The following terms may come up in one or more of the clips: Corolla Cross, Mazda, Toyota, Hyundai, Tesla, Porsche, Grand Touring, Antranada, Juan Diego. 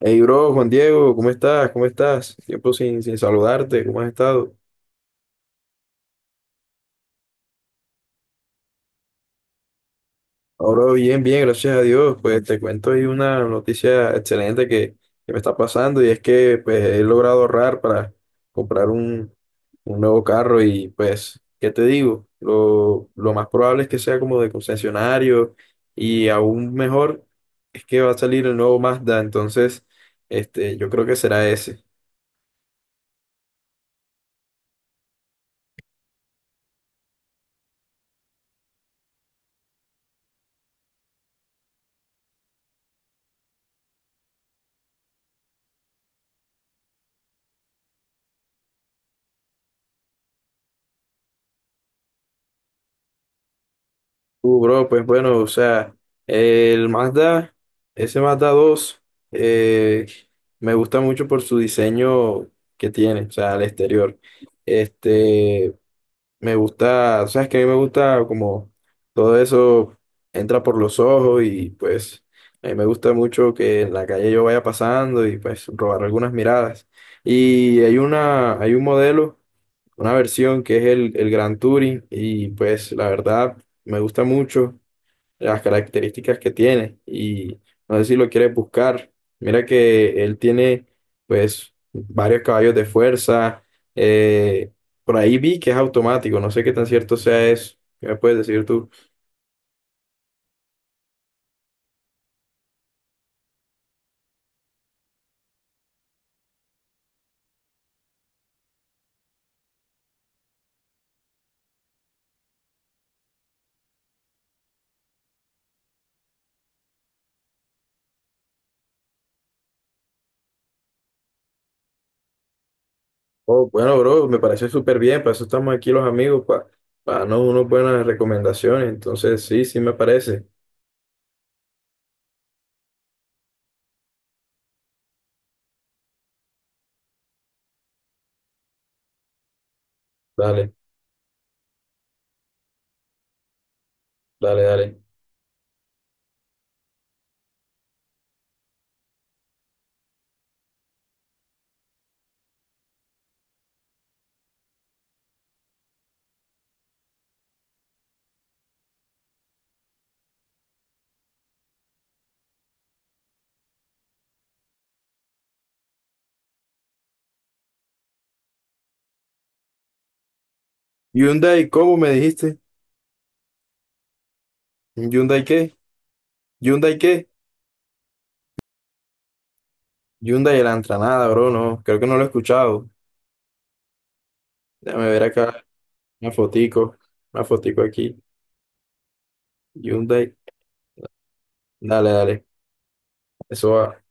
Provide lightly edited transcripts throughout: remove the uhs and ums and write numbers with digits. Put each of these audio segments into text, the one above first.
Hey, bro, Juan Diego, ¿cómo estás? ¿Cómo estás? Tiempo sin saludarte, ¿cómo has estado? Ahora bien, bien, gracias a Dios. Pues te cuento ahí una noticia excelente que me está pasando, y es que pues he logrado ahorrar para comprar un nuevo carro y pues, ¿qué te digo? Lo más probable es que sea como de concesionario y aún mejor es que va a salir el nuevo Mazda, entonces yo creo que será ese. Bro, pues bueno, o sea, el Mazda, ese Mazda dos eh, me gusta mucho por su diseño que tiene, o sea, al exterior. Este, Me gusta, o sea, es que a mí me gusta como todo eso entra por los ojos, y pues a mí me gusta mucho que en la calle yo vaya pasando y pues robar algunas miradas. Y hay un modelo, una versión que es el Grand Touring, y pues la verdad me gusta mucho las características que tiene, y no sé si lo quieres buscar. Mira que él tiene pues varios caballos de fuerza. eh, por ahí vi que es automático, no sé qué tan cierto sea eso. ¿Qué me puedes decir tú? Oh, bueno, bro, me parece súper bien, para eso estamos aquí los amigos, para darnos unas buenas recomendaciones. Entonces, sí, sí me parece. Dale, dale, dale. Hyundai, ¿cómo me dijiste? ¿Hyundai qué? ¿Hyundai qué? Hyundai el Antranada, bro, no, creo que no lo he escuchado. Déjame ver acá. Una fotico, una fotico aquí. Hyundai. Dale, dale. Eso va. Ok.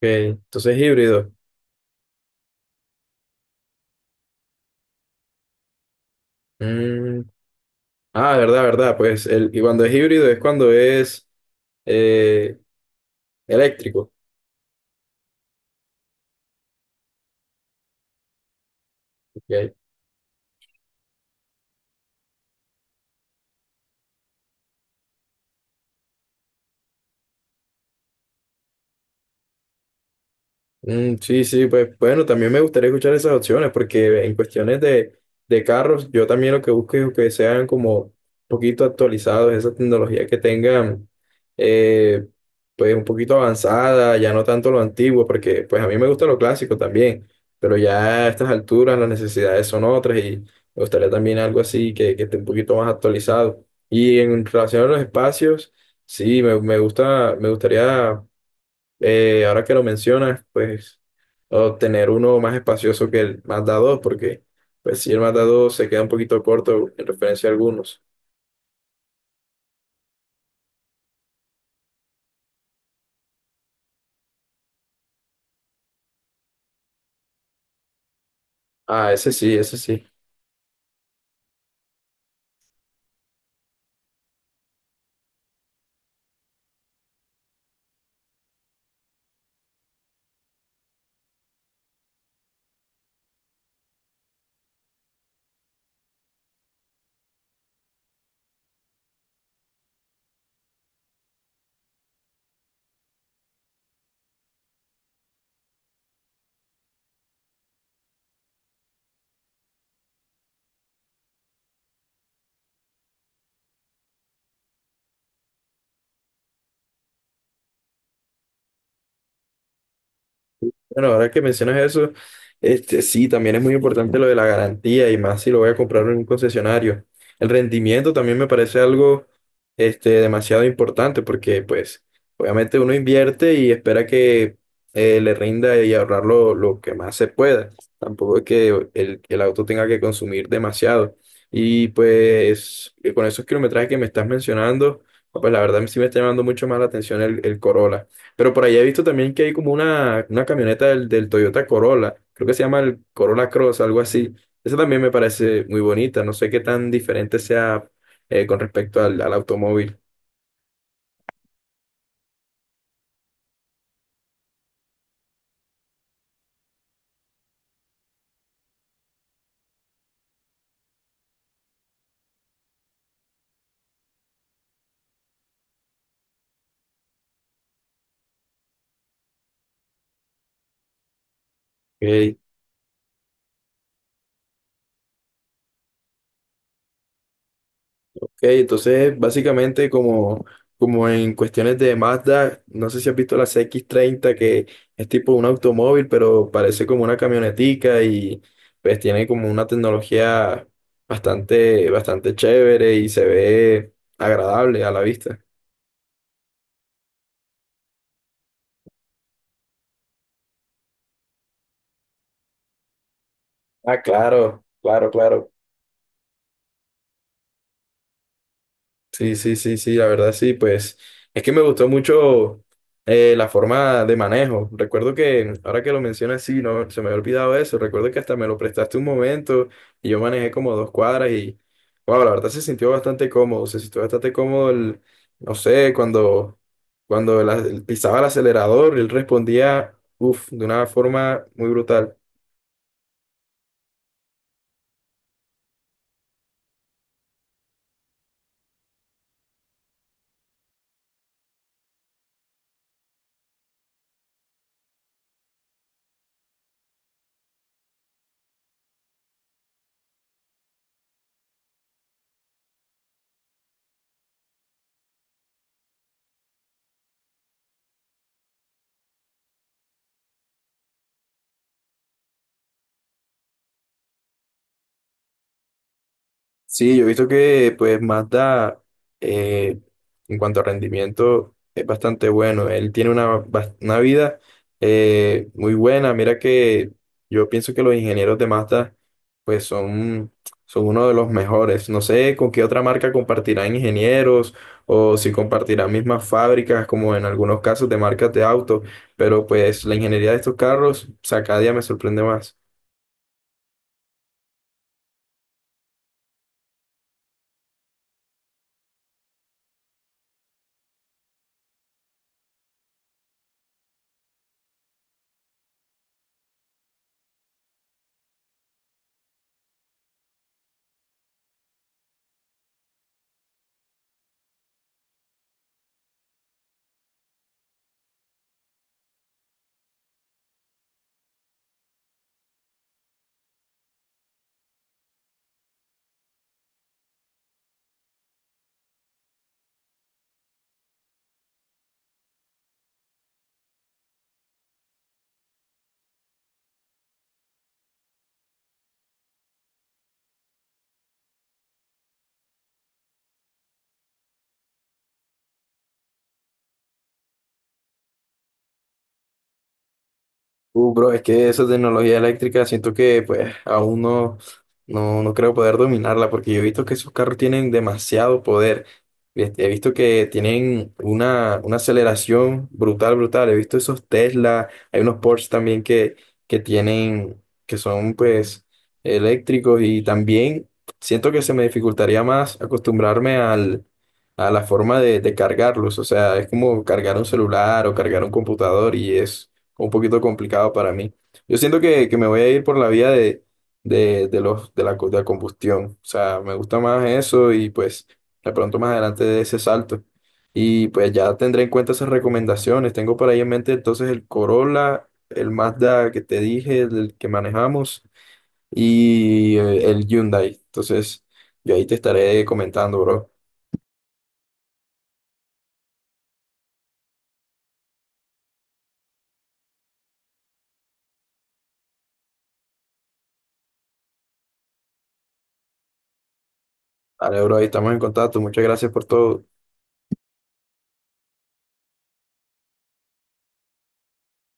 ¿Entonces es híbrido? Mm. Ah, verdad, verdad. Pues el, y cuando es híbrido es cuando es eh, eléctrico. Ok. Mm, sí, sí, pues bueno, también me gustaría escuchar esas opciones, porque en de carros, yo también lo que busco es que sean como un poquito actualizados, esa tecnología que tengan, eh, pues un poquito avanzada, ya no tanto lo antiguo, porque pues a mí me gusta lo clásico también, pero ya a estas alturas las necesidades son otras y me gustaría también algo así que esté un poquito más actualizado. Y en relación a los espacios, sí, me gusta, me gustaría ahora que lo mencionas, pues obtener uno más espacioso que el Mazda 2, porque pues si el Mazda 2 se queda un poquito corto en referencia a algunos. Ah, ese sí, ese sí. Bueno, ahora que mencionas eso, este, sí, también es muy importante lo de la garantía, y más si lo voy a comprar en un concesionario. El rendimiento también me parece algo, este, demasiado importante, porque pues obviamente uno invierte y espera que le rinda y ahorrar lo que más se pueda. Tampoco es que el auto tenga que consumir demasiado. Y pues, con esos kilometrajes que me estás mencionando, pues la verdad sí me está llamando mucho más la atención el Corolla. Pero por allá he visto también que hay como una camioneta del Toyota Corolla, creo que se llama el Corolla Cross, algo así. Esa también me parece muy bonita, no sé qué tan diferente sea con respecto al automóvil. Ok, ok, entonces básicamente como, como en cuestiones de Mazda, no sé si has visto la CX-30, que es tipo un automóvil, pero parece como una camionetica, y pues tiene como una tecnología bastante, bastante chévere y se ve agradable a la vista. Ah, claro, claro, claro. Sí, sí, sí, sí, la verdad sí, pues es que me gustó mucho la forma de manejo. Recuerdo que, ahora que lo mencionas, sí, no, se me había olvidado eso. Recuerdo que hasta me lo prestaste un momento y yo manejé como dos cuadras y, wow, la verdad se sintió bastante cómodo, se sintió bastante cómodo no sé, cuando pisaba el acelerador, él respondía, uff, de una forma muy brutal. Sí, yo he visto que pues Mazda eh, en cuanto a rendimiento es bastante bueno. Él tiene una, una vida muy buena. Mira que yo pienso que los ingenieros de Mazda pues son uno de los mejores. No sé con qué otra marca compartirán ingenieros o si compartirán mismas fábricas, como en algunos casos de marcas de auto, pero pues la ingeniería de estos carros, o sea, cada día me sorprende más. Bro, es que esa tecnología eléctrica siento que pues aún no creo poder dominarla, porque yo he visto que esos carros tienen demasiado poder. Este, he visto que tienen una aceleración brutal, brutal. He visto esos Tesla, hay unos Porsche también que, que tienen, que son pues eléctricos, y también siento que se me dificultaría más acostumbrarme a la forma de cargarlos. O sea, es como cargar un celular o cargar un computador, y es un poquito complicado para mí. Yo siento que me voy a ir por la vía de los, de la, co- de la combustión. O sea, me gusta más eso, y pues de pronto más adelante de ese salto. Y pues ya tendré en cuenta esas recomendaciones. Tengo por ahí en mente entonces el Corolla, el Mazda que te dije, el que manejamos, y el Hyundai. Entonces, yo ahí te estaré comentando, bro. Vale, bro, ahí estamos en contacto. Muchas gracias por todo.